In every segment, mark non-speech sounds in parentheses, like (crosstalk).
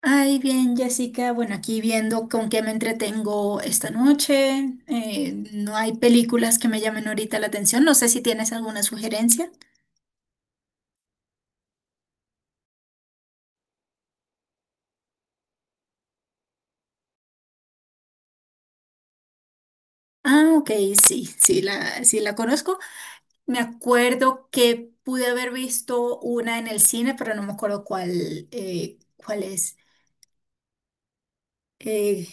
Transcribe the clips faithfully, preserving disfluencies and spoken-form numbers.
Ay, bien, Jessica. Bueno, aquí viendo con qué me entretengo esta noche. Eh, no hay películas que me llamen ahorita la atención. No sé si tienes alguna sugerencia. Ah, ok, sí, sí la, sí la conozco. Me acuerdo que pude haber visto una en el cine, pero no me acuerdo cuál, eh, cuál es. Eh,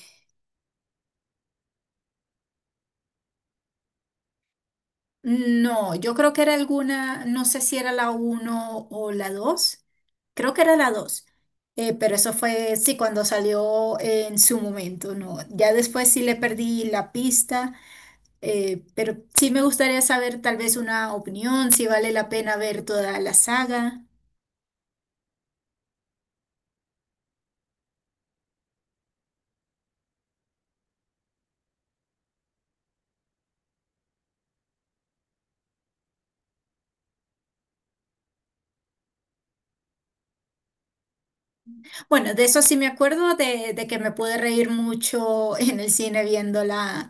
No, yo creo que era alguna, no sé si era la uno o la dos. Creo que era la dos. Eh, pero eso fue, sí, cuando salió eh, en su momento, ¿no? Ya después sí le perdí la pista, eh, pero sí me gustaría saber tal vez una opinión, si vale la pena ver toda la saga. Bueno, de eso sí me acuerdo, de, de que me pude reír mucho (laughs) en el cine viéndola.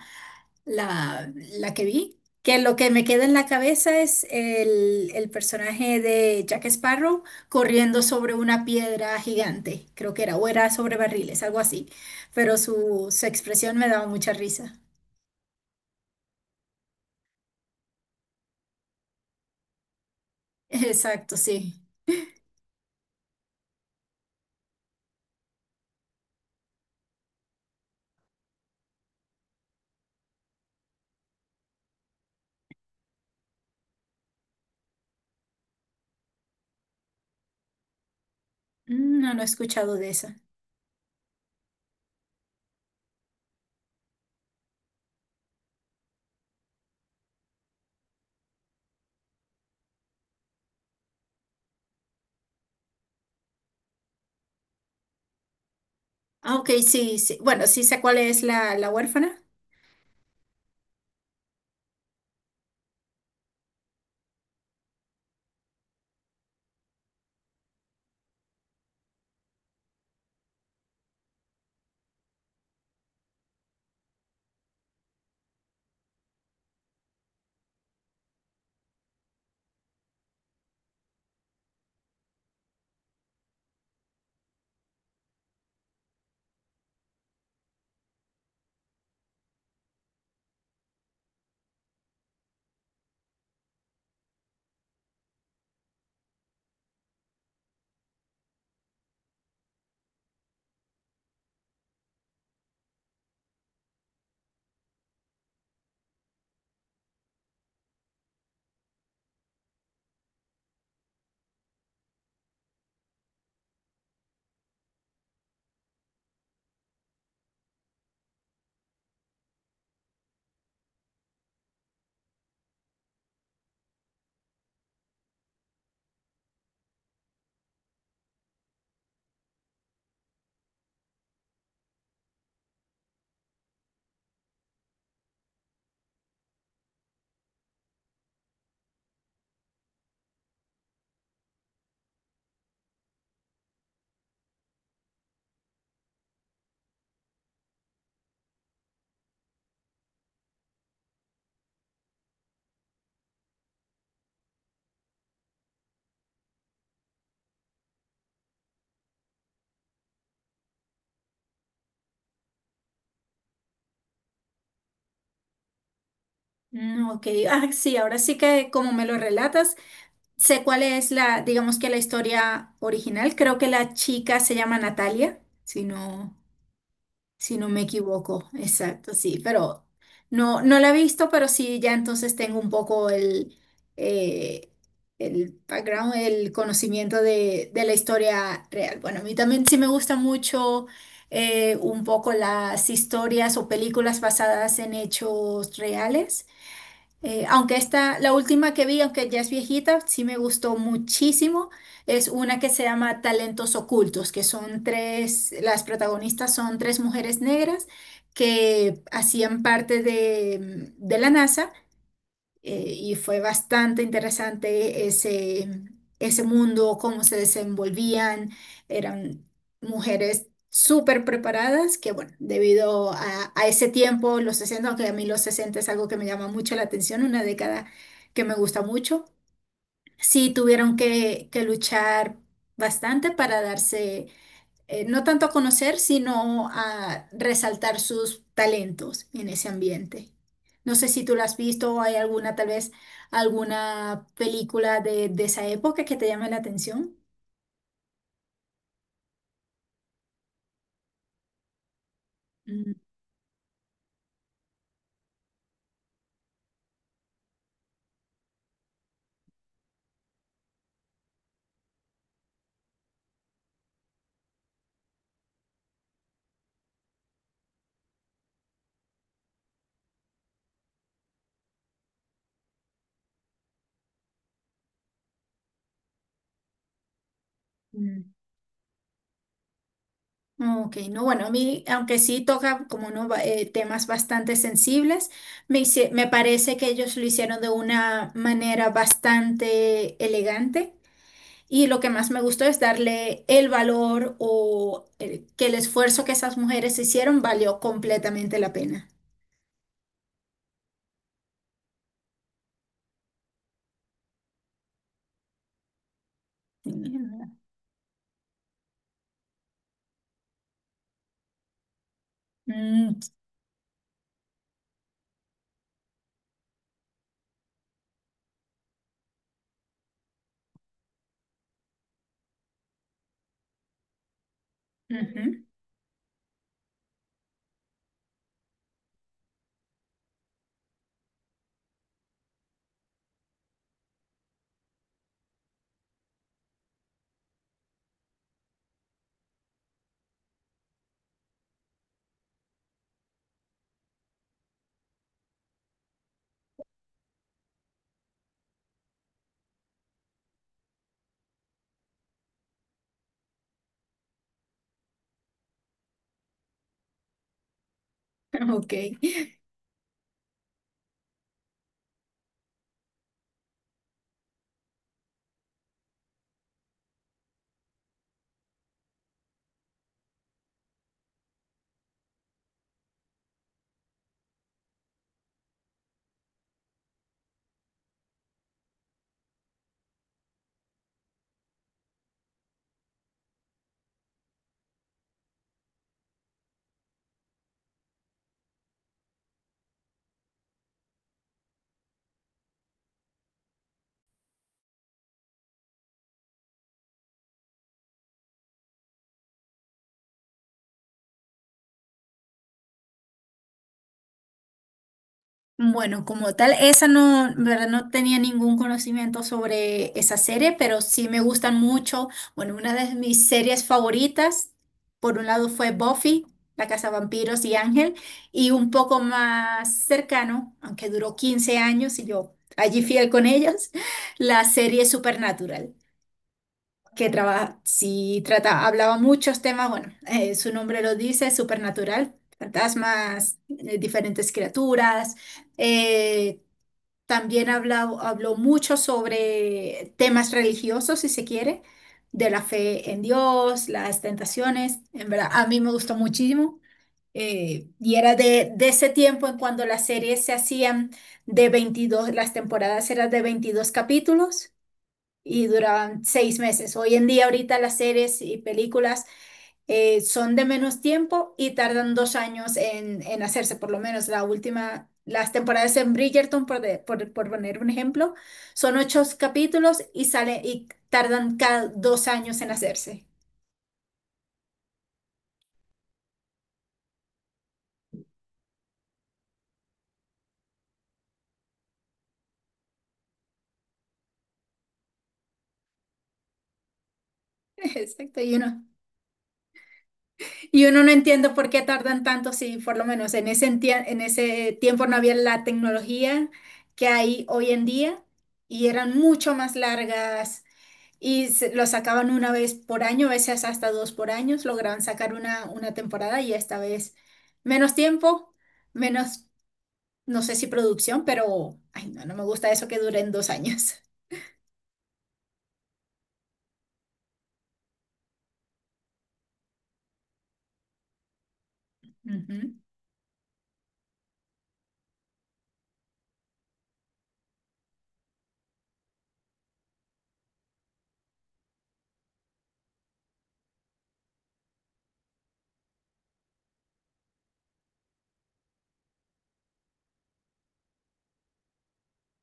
La, la que vi, que lo que me queda en la cabeza es el, el personaje de Jack Sparrow corriendo sobre una piedra gigante, creo que era, o era sobre barriles, algo así, pero su, su expresión me daba mucha risa. (laughs) Exacto, sí. Mm. No, no he escuchado de esa. Ah, ok, sí, sí. Bueno, sí sé cuál es la, la huérfana. Mm, ok, ah, sí, ahora sí que como me lo relatas, sé cuál es la, digamos que la historia original. Creo que la chica se llama Natalia, si no, si no me equivoco. Exacto, sí, pero no, no la he visto, pero sí, ya entonces tengo un poco el, eh, el background, el conocimiento de, de la historia real. Bueno, a mí también sí me gusta mucho eh, un poco las historias o películas basadas en hechos reales. Eh, aunque esta, la última que vi, aunque ya es viejita, sí me gustó muchísimo. Es una que se llama Talentos Ocultos, que son tres, las protagonistas son tres mujeres negras que hacían parte de, de la NASA eh, y fue bastante interesante ese, ese mundo, cómo se desenvolvían. Eran mujeres súper preparadas que, bueno, debido a, a ese tiempo, los sesenta, aunque a mí los sesenta es algo que me llama mucho la atención, una década que me gusta mucho, sí tuvieron que, que luchar bastante para darse eh, no tanto a conocer, sino a resaltar sus talentos en ese ambiente. No sé si tú lo has visto o hay alguna, tal vez, alguna película de, de esa época que te llame la atención. Mm, mm. Ok, no, bueno, a mí, aunque sí toca como no, va- eh, temas bastante sensibles, me, hice- me parece que ellos lo hicieron de una manera bastante elegante. Y lo que más me gustó es darle el valor o el- que el esfuerzo que esas mujeres hicieron valió completamente la pena. Sí, ¿verdad? Mm, ujú. (laughs) Ok. Bueno, como tal, esa no, en verdad no tenía ningún conocimiento sobre esa serie, pero sí me gustan mucho. Bueno, una de mis series favoritas, por un lado fue Buffy, La Casa Vampiros y Ángel, y un poco más cercano, aunque duró quince años y yo allí fiel con ellos, (laughs) la serie Supernatural, que trabaja, sí trata, hablaba muchos temas, bueno, eh, su nombre lo dice, Supernatural, fantasmas, eh, diferentes criaturas, eh, también habló, habló mucho sobre temas religiosos, si se quiere, de la fe en Dios, las tentaciones. En verdad, a mí me gustó muchísimo. Eh, y era de, de ese tiempo en cuando las series se hacían de veintidós las temporadas eran de veintidós capítulos y duraban seis meses. Hoy en día, ahorita las series y películas eh, son de menos tiempo y tardan dos años en, en, hacerse, por lo menos la última, las temporadas en Bridgerton, por, de- por, por poner un ejemplo, son ocho capítulos y sale, y tardan cada dos años en hacerse. (laughs) Exacto, y uno, y uno no entiende por qué tardan tanto si por lo menos en ese, entie- en ese tiempo no había la tecnología que hay hoy en día y eran mucho más largas. Y se- lo sacaban una vez por año, a veces hasta dos por año, lograban sacar una, una temporada y esta vez menos tiempo, menos, no sé si producción, pero, ay, no, no me gusta eso que duren dos años. Ujú.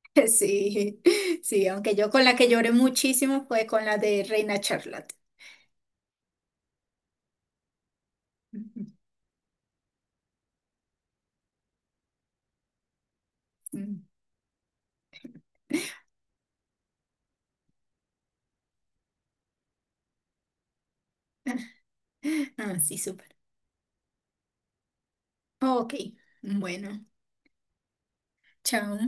(laughs) Sí, sí, aunque yo con la que lloré muchísimo fue con la de Reina Charlotte. Ujú. (laughs) Ah, sí, súper. Ok, bueno, chao.